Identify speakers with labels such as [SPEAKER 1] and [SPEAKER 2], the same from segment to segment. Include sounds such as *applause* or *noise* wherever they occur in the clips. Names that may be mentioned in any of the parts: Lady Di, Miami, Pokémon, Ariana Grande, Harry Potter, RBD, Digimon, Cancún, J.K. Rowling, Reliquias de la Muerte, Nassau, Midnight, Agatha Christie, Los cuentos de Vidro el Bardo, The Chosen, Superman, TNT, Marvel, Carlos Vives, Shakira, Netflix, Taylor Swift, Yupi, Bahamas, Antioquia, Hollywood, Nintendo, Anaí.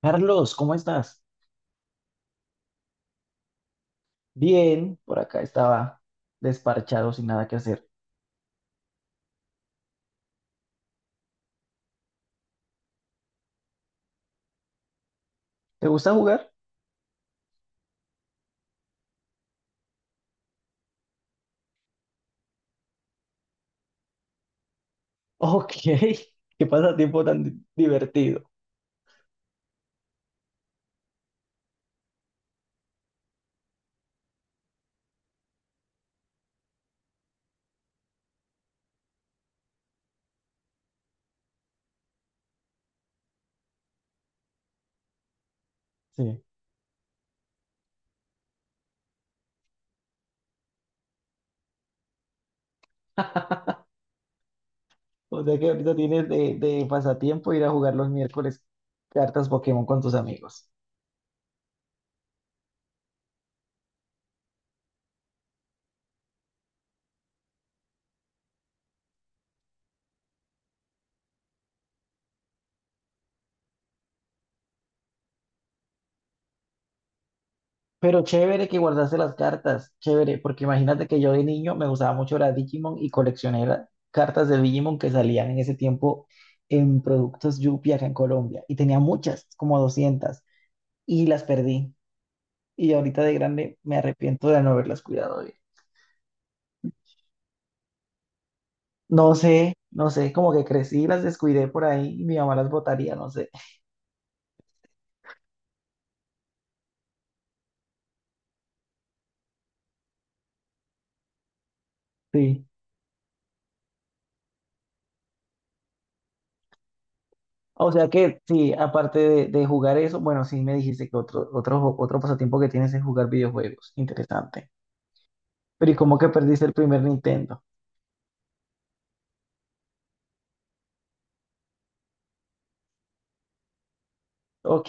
[SPEAKER 1] Carlos, ¿cómo estás? Bien, por acá estaba desparchado sin nada que hacer. ¿Te gusta jugar? Ok, *laughs* qué pasatiempo tan divertido. Sí. *laughs* O sea que ahorita tienes de pasatiempo ir a jugar los miércoles cartas Pokémon con tus amigos. Pero chévere que guardaste las cartas, chévere, porque imagínate que yo de niño me gustaba mucho la Digimon y coleccioné cartas de Digimon que salían en ese tiempo en productos Yupi acá en Colombia. Y tenía muchas, como 200, y las perdí. Y ahorita de grande me arrepiento de no haberlas cuidado bien. No sé, no sé, como que crecí y las descuidé por ahí y mi mamá las botaría, no sé. Sí. O sea que sí, aparte de jugar eso, bueno, sí me dijiste que otro pasatiempo que tienes es jugar videojuegos. Interesante. Pero ¿y cómo que perdiste el primer Nintendo? Ok.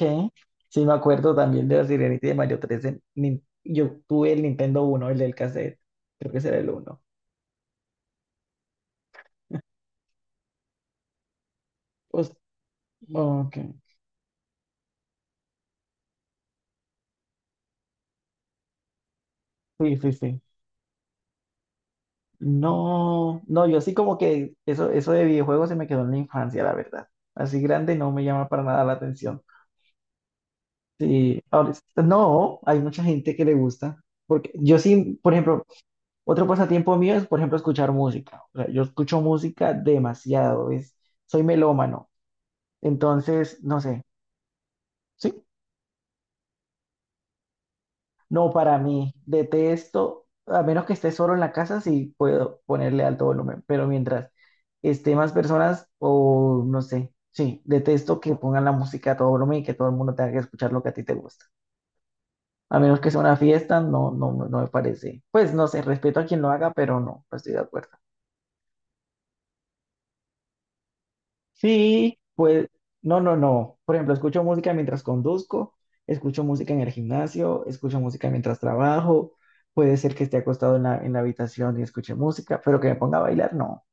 [SPEAKER 1] Sí, me acuerdo también de la Sirenita y de Mario 3 en yo tuve el Nintendo uno, el del cassette. Creo que será el uno. Pues, ok. Sí, sí, sí. No, no, yo así como que eso, de videojuegos se me quedó en la infancia, la verdad. Así grande no me llama para nada la atención. Sí, ahora, no, hay mucha gente que le gusta. Porque yo sí, por ejemplo, otro pasatiempo mío es, por ejemplo, escuchar música. O sea, yo escucho música demasiado, es, soy melómano. Entonces, no sé, sí, no, para mí, detesto, a menos que esté solo en la casa, sí puedo ponerle alto volumen, pero mientras esté más personas o no sé, sí, detesto que pongan la música a todo volumen y que todo el mundo tenga que escuchar lo que a ti te gusta. A menos que sea una fiesta, no, no, no me parece. Pues no sé, respeto a quien lo haga, pero no, no estoy de acuerdo. Sí, pues no, no, no. Por ejemplo, escucho música mientras conduzco, escucho música en el gimnasio, escucho música mientras trabajo. Puede ser que esté acostado en la habitación y escuche música, pero que me ponga a bailar, no,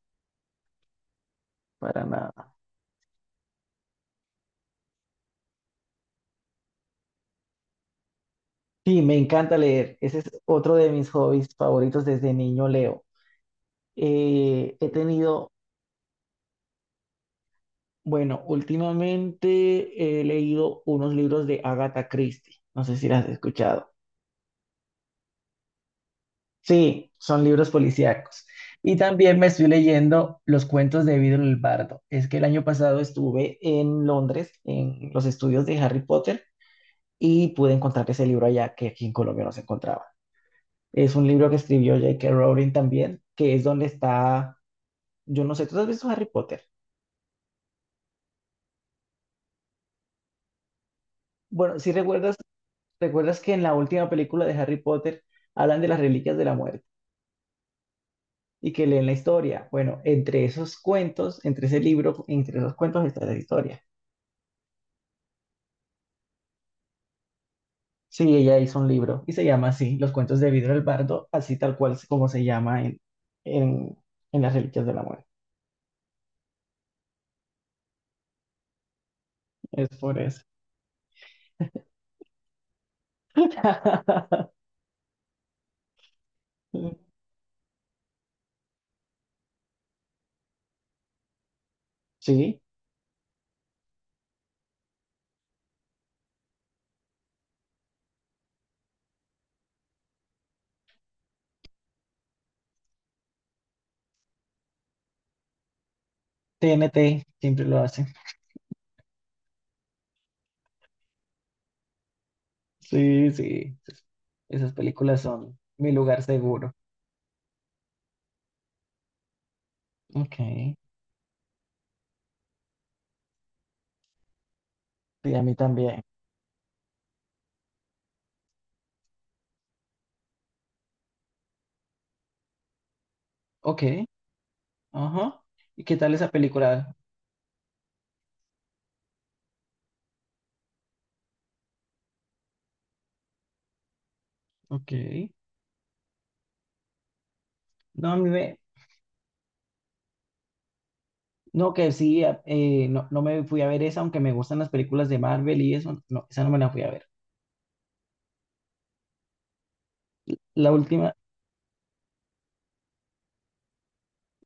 [SPEAKER 1] para nada. Sí, me encanta leer. Ese es otro de mis hobbies favoritos desde niño, leo. He tenido, bueno, últimamente he leído unos libros de Agatha Christie. No sé si las has escuchado. Sí, son libros policíacos. Y también me estoy leyendo Los cuentos de Vidro el Bardo. Es que el año pasado estuve en Londres, en los estudios de Harry Potter, y pude encontrar ese libro allá que aquí en Colombia no se encontraba. Es un libro que escribió J.K. Rowling también, que es donde está, yo no sé, ¿tú has visto Harry Potter? Bueno, si recuerdas, recuerdas que en la última película de Harry Potter hablan de las reliquias de la muerte y que leen la historia. Bueno, entre esos cuentos, entre ese libro, entre esos cuentos está la historia. Sí, ella hizo un libro y se llama así, Los cuentos de Vidro del Bardo, así tal cual es como se llama en, en las Reliquias de la Muerte. Es por eso. *laughs* Sí, TNT siempre lo hace. Sí, sí, sí. Esas películas son mi lugar seguro. Ok, sí, a mí también. Ok, ajá. ¿Y qué tal esa película? Ok. No, a mí me... No, que sí, no, no me fui a ver esa, aunque me gustan las películas de Marvel y eso, no, esa no me la fui a ver. La última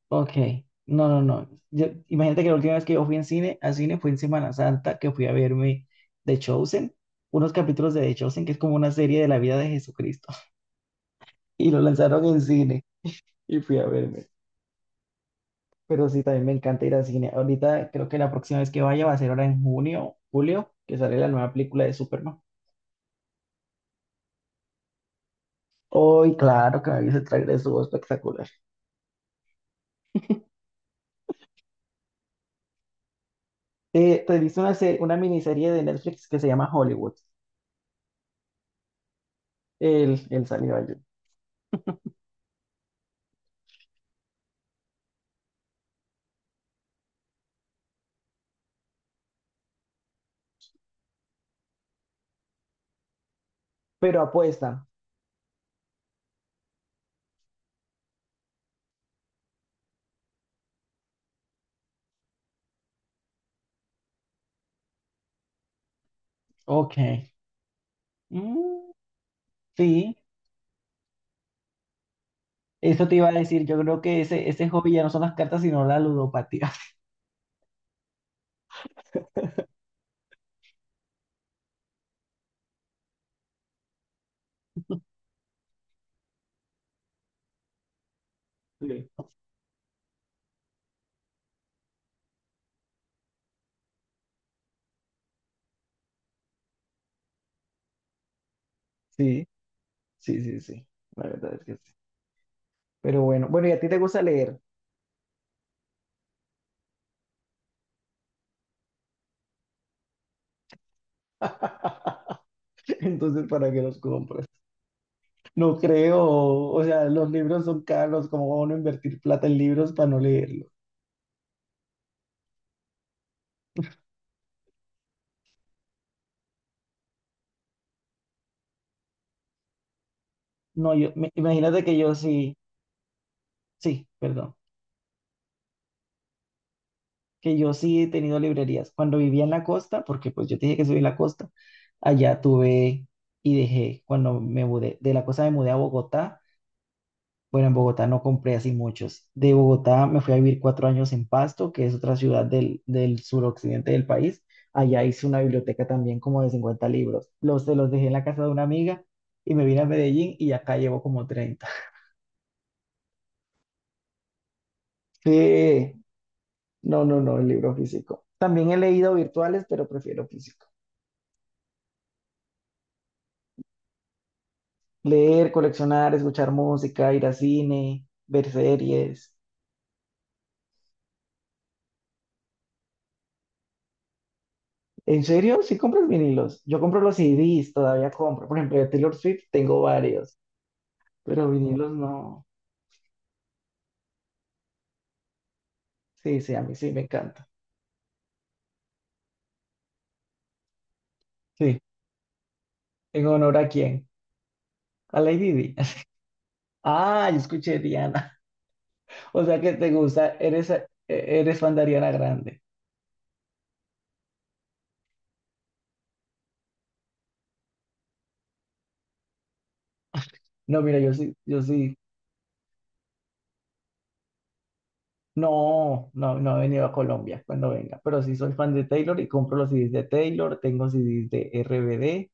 [SPEAKER 1] ok, no, no, no. Imagínate que la última vez que yo fui en cine, a cine, fue en Semana Santa, que fui a verme The Chosen, unos capítulos de The Chosen, que es como una serie de la vida de Jesucristo, *laughs* y lo lanzaron en cine y fui a verme. Pero sí, también me encanta ir al cine. Ahorita creo que la próxima vez que vaya va a ser ahora en junio, julio, que sale la nueva película de Superman. Hoy, claro que me vi ese tráiler, estuvo espectacular. Te viste una, una miniserie de Netflix que se llama Hollywood. El salió ayer. Pero apuesta. Ok. Mm, sí, eso te iba a decir. Yo creo que ese hobby ya no son las cartas, sino la ludopatía. *laughs* Sí, sí, sí, sí, sí. La verdad es que sí. Pero bueno, bueno, ¿y a ti te gusta leer? *laughs* Entonces, ¿para qué los compras? No creo, o sea, los libros son caros, ¿cómo va uno a invertir plata en libros para no leerlos? No, yo, imagínate que yo sí, sí, perdón. Que yo sí he tenido librerías. Cuando vivía en la costa, porque pues yo te dije que soy de la costa, allá tuve y dejé. Cuando me mudé, de la costa me mudé a Bogotá. Bueno, en Bogotá no compré así muchos. De Bogotá me fui a vivir 4 años en Pasto, que es otra ciudad del suroccidente del país. Allá hice una biblioteca también como de 50 libros. Se los dejé en la casa de una amiga y me vine a Medellín y acá llevo como 30. *laughs* Sí, no, no, no, el libro físico. También he leído virtuales, pero prefiero físico. Leer, coleccionar, escuchar música, ir a cine, ver series. ¿En serio? ¿Sí compras vinilos? Yo compro los CDs, todavía compro. Por ejemplo, de Taylor Swift tengo varios, pero vinilos no. Sí, sí, a mí sí me encanta. Sí. ¿En honor a quién? A Lady Di. *laughs* Ah, yo escuché Diana. *laughs* O sea que te gusta, eres fan de Ariana Grande. No, mira, yo sí, yo sí. No, no, no he venido a Colombia, cuando venga, pero sí soy fan de Taylor y compro los CDs de Taylor, tengo CDs de RBD,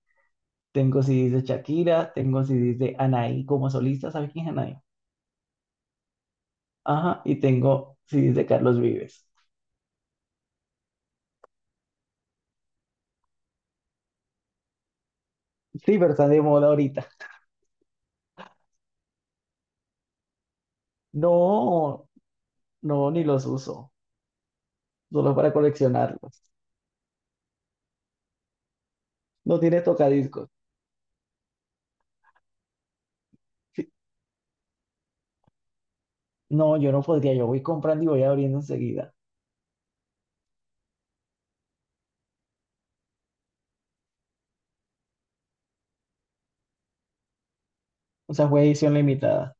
[SPEAKER 1] tengo CDs de Shakira, tengo CDs de Anaí como solista. ¿Sabes quién es Anaí? Ajá, y tengo CDs de Carlos Vives. Sí, pero están de moda ahorita. No, no, ni los uso, solo para coleccionarlos. No tiene tocadiscos. Sí, no, yo no podría, yo voy comprando y voy abriendo enseguida. O sea, fue edición limitada.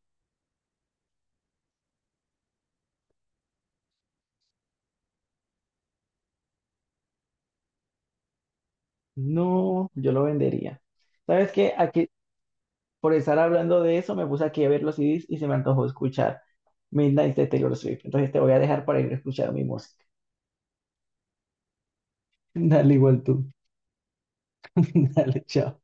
[SPEAKER 1] No, yo lo vendería. ¿Sabes qué? Aquí, por estar hablando de eso, me puse aquí a ver los CDs y se me antojó escuchar Midnight de Taylor Swift. Entonces te voy a dejar para ir a escuchar mi música. *laughs* Dale, igual tú. *laughs* Dale, chao.